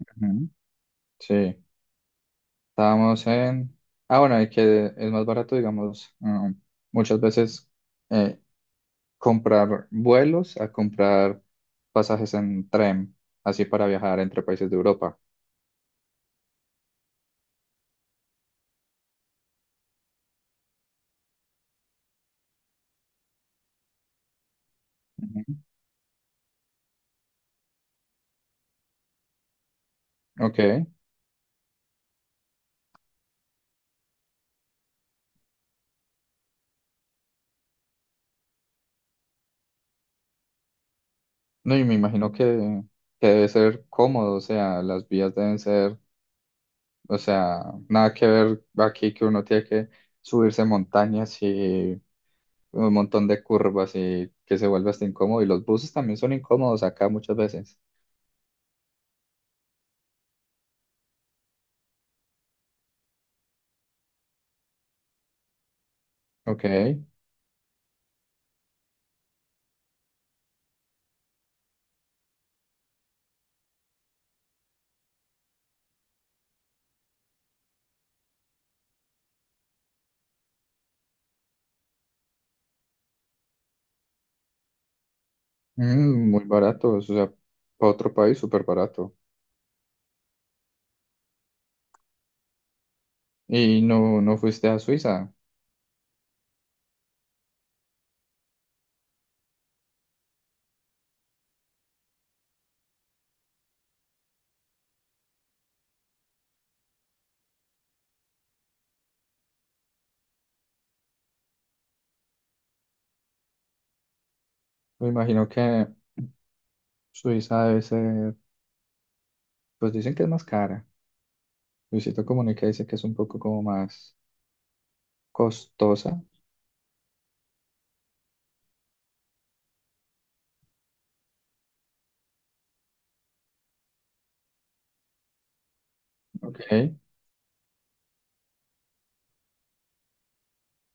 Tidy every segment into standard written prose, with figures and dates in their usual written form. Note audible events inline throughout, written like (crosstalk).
Ujú. Sí, estábamos en... Ah, bueno, y que es más barato, digamos, muchas veces eh, comprar vuelos a comprar pasajes en tren, así para viajar entre países de Europa. Ujú. Ok, no, y me imagino que debe ser cómodo, o sea, las vías deben ser... O sea, nada que ver aquí que uno tiene que subirse montañas y un montón de curvas y que se vuelve hasta incómodo. Y los buses también son incómodos acá muchas veces. Ok. Mm, muy baratos, o sea, para otro país súper barato. Y no, no fuiste a Suiza. Me imagino que Suiza debe ser, pues dicen que es más cara. Luisito Comunica dice que es un poco como más costosa. Ok.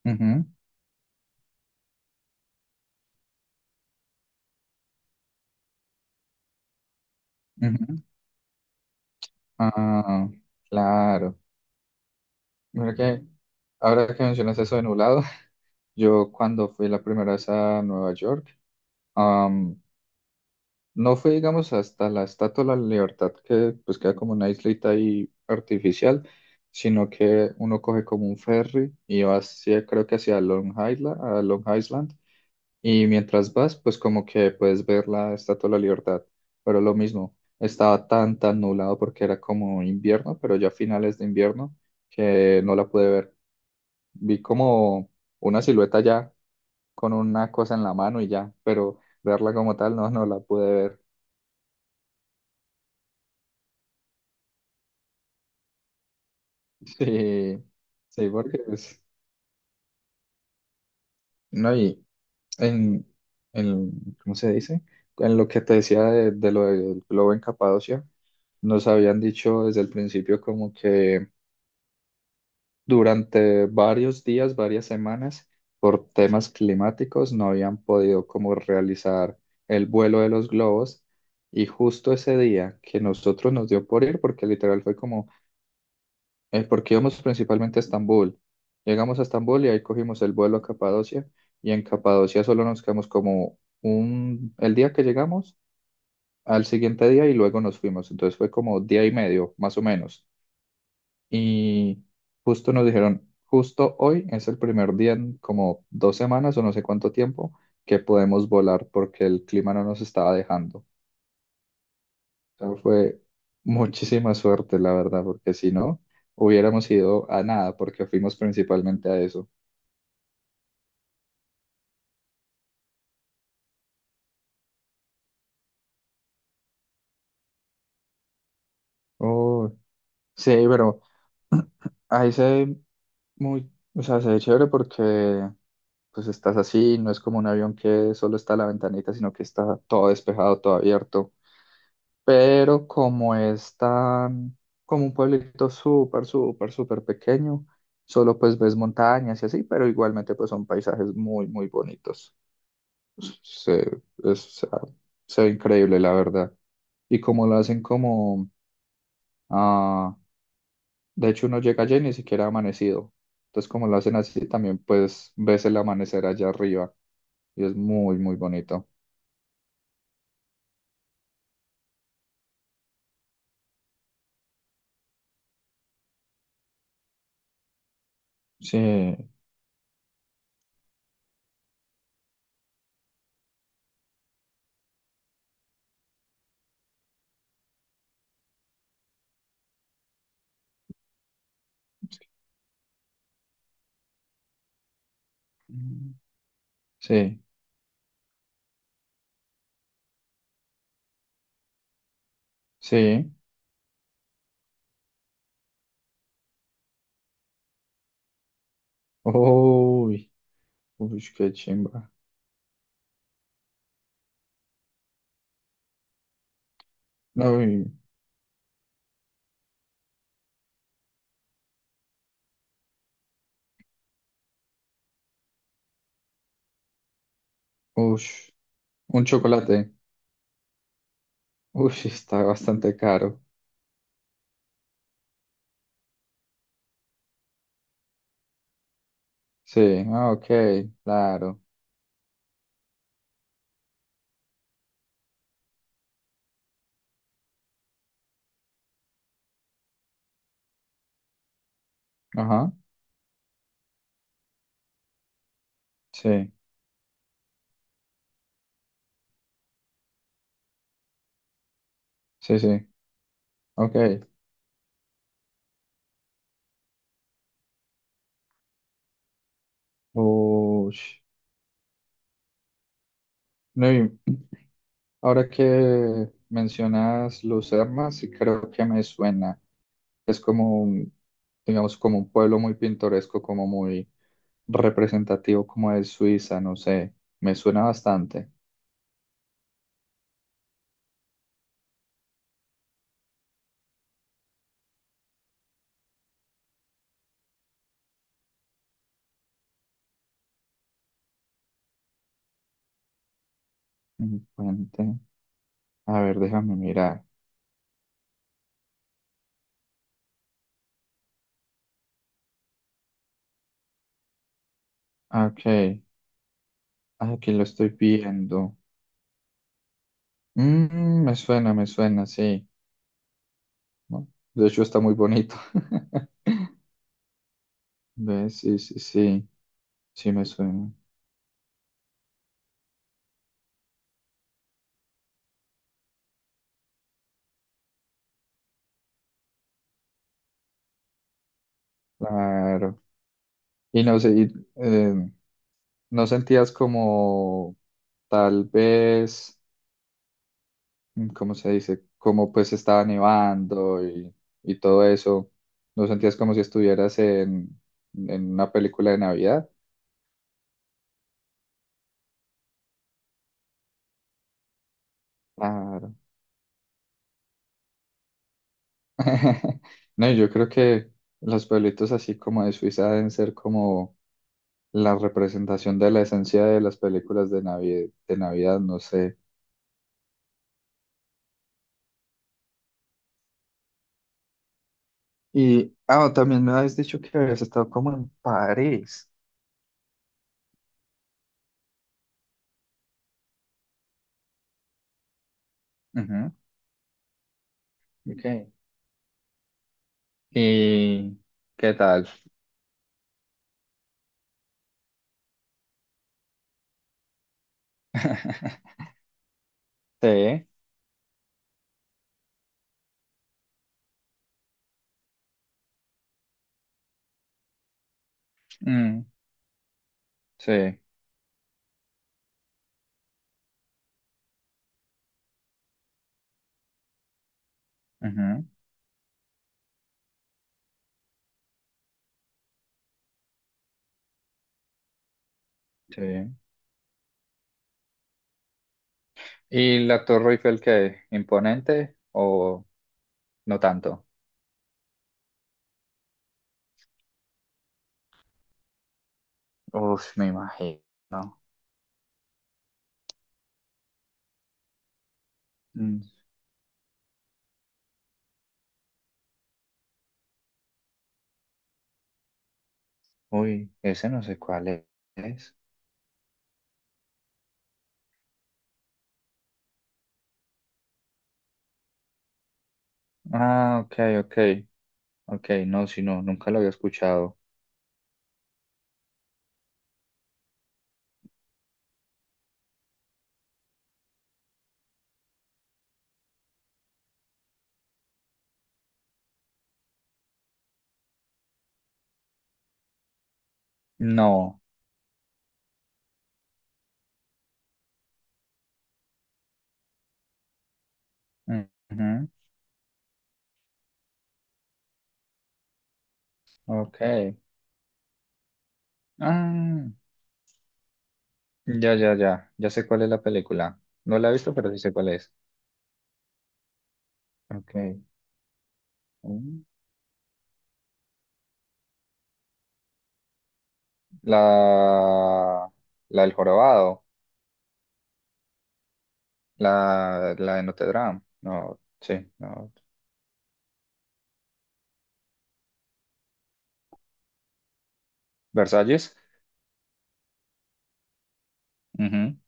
Ujú, ujú. Ah, claro. Mira que ahora que mencionas eso de nublado, (laughs) yo cuando fui la primera vez a Nueva York, am, no fui, digamos, hasta la Estatua de la Libertad, que pues queda como una islita ahí artificial, sino que uno coge como un ferry y va hacia, creo que hacia Long Island, a Long Island, y mientras vas, pues como que puedes ver la Estatua de la Libertad, pero lo mismo, estaba tan nublado porque era como invierno, pero ya finales de invierno, que no la pude ver. Vi como una silueta ya con una cosa en la mano y ya, pero verla como tal no, no la pude ver. (laughs) Sí, sí, porque pues, no, y en, en, ¿cómo se dice? En lo que te decía de lo del globo en Capadocia, nos habían dicho desde el principio como que durante varios días, varias semanas, por temas climáticos, no habían podido como realizar el vuelo de los globos. Y justo ese día que nosotros nos dio por ir, porque literal fue como, porque íbamos principalmente a Estambul. Llegamos a Estambul y ahí cogimos el vuelo a Capadocia. Y en Capadocia solo nos quedamos como un, el día que llegamos, al siguiente día y luego nos fuimos. Entonces fue como día y medio, más o menos, y justo nos dijeron, justo hoy es el primer día en como dos semanas o no sé cuánto tiempo que podemos volar porque el clima no nos estaba dejando. O sea, fue muchísima suerte, la verdad, porque si no, hubiéramos ido a nada porque fuimos principalmente a eso. Oh, sí, pero ahí se ve muy, o sea, se ve chévere porque pues estás así, no es como un avión que solo está a la ventanita, sino que está todo despejado, todo abierto. Pero como es tan, como un pueblito súper, súper, súper pequeño, solo pues ves montañas y así, pero igualmente pues son paisajes muy, muy bonitos. Se, es- o sea, se ve increíble, la verdad. Y como lo hacen como, ah, de hecho uno llega allá y ni siquiera ha amanecido. Entonces como lo hacen así, también pues ves el amanecer allá arriba y es muy, muy bonito. Sí, sí, sí. Uy, uy, qué chimba. Uy, ush, un chocolate. Uy, está bastante caro. Sí, ah, ok, claro. Ajá, sí, sí, sí, ok. Ush. No, y ahora que mencionas Lucerna, sí creo que me suena. Es como un, digamos, como un pueblo muy pintoresco, como muy representativo, como de Suiza, no sé. Me suena bastante. Un puente. A ver, déjame mirar. Ok. Aquí lo estoy viendo. Mm, me suena, sí. ¿No? De hecho, está muy bonito. (laughs) ¿Ves? Sí, sí, sí. Sí, me suena. Claro. Y no sé, y, eh, ¿no sentías como tal vez, mm, ¿cómo se dice? Como pues estaba nevando y todo eso. ¿No sentías como si estuvieras en una película de Navidad? Claro. (laughs) No, yo creo que los pueblitos así como de Suiza deben ser como la representación de la esencia de las películas de Navidad, no sé. Y, ah, también me habías dicho que habías estado como en París. Ujú, ok. ¿Y qué tal? (laughs) Sí. Mm, sí. Ujú, sí. ¿Y la Torre Eiffel qué? ¿Imponente o no tanto? Uf, me imagino. Uy, ese no sé cuál es. Ah, ok, ok, ok, no, si no, nunca lo había escuchado. No. Ujú, ok. Ah, ya, ya, ya, ya sé cuál es la película. No la he visto, pero sí sé cuál es. Ok. Mm. La, la del jorobado, la de Notre Dame. No, sí, no. Versalles. Ujú,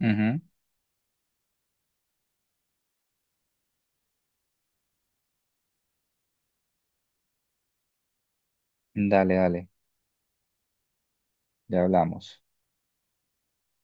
ujú. Dale, dale, ya hablamos.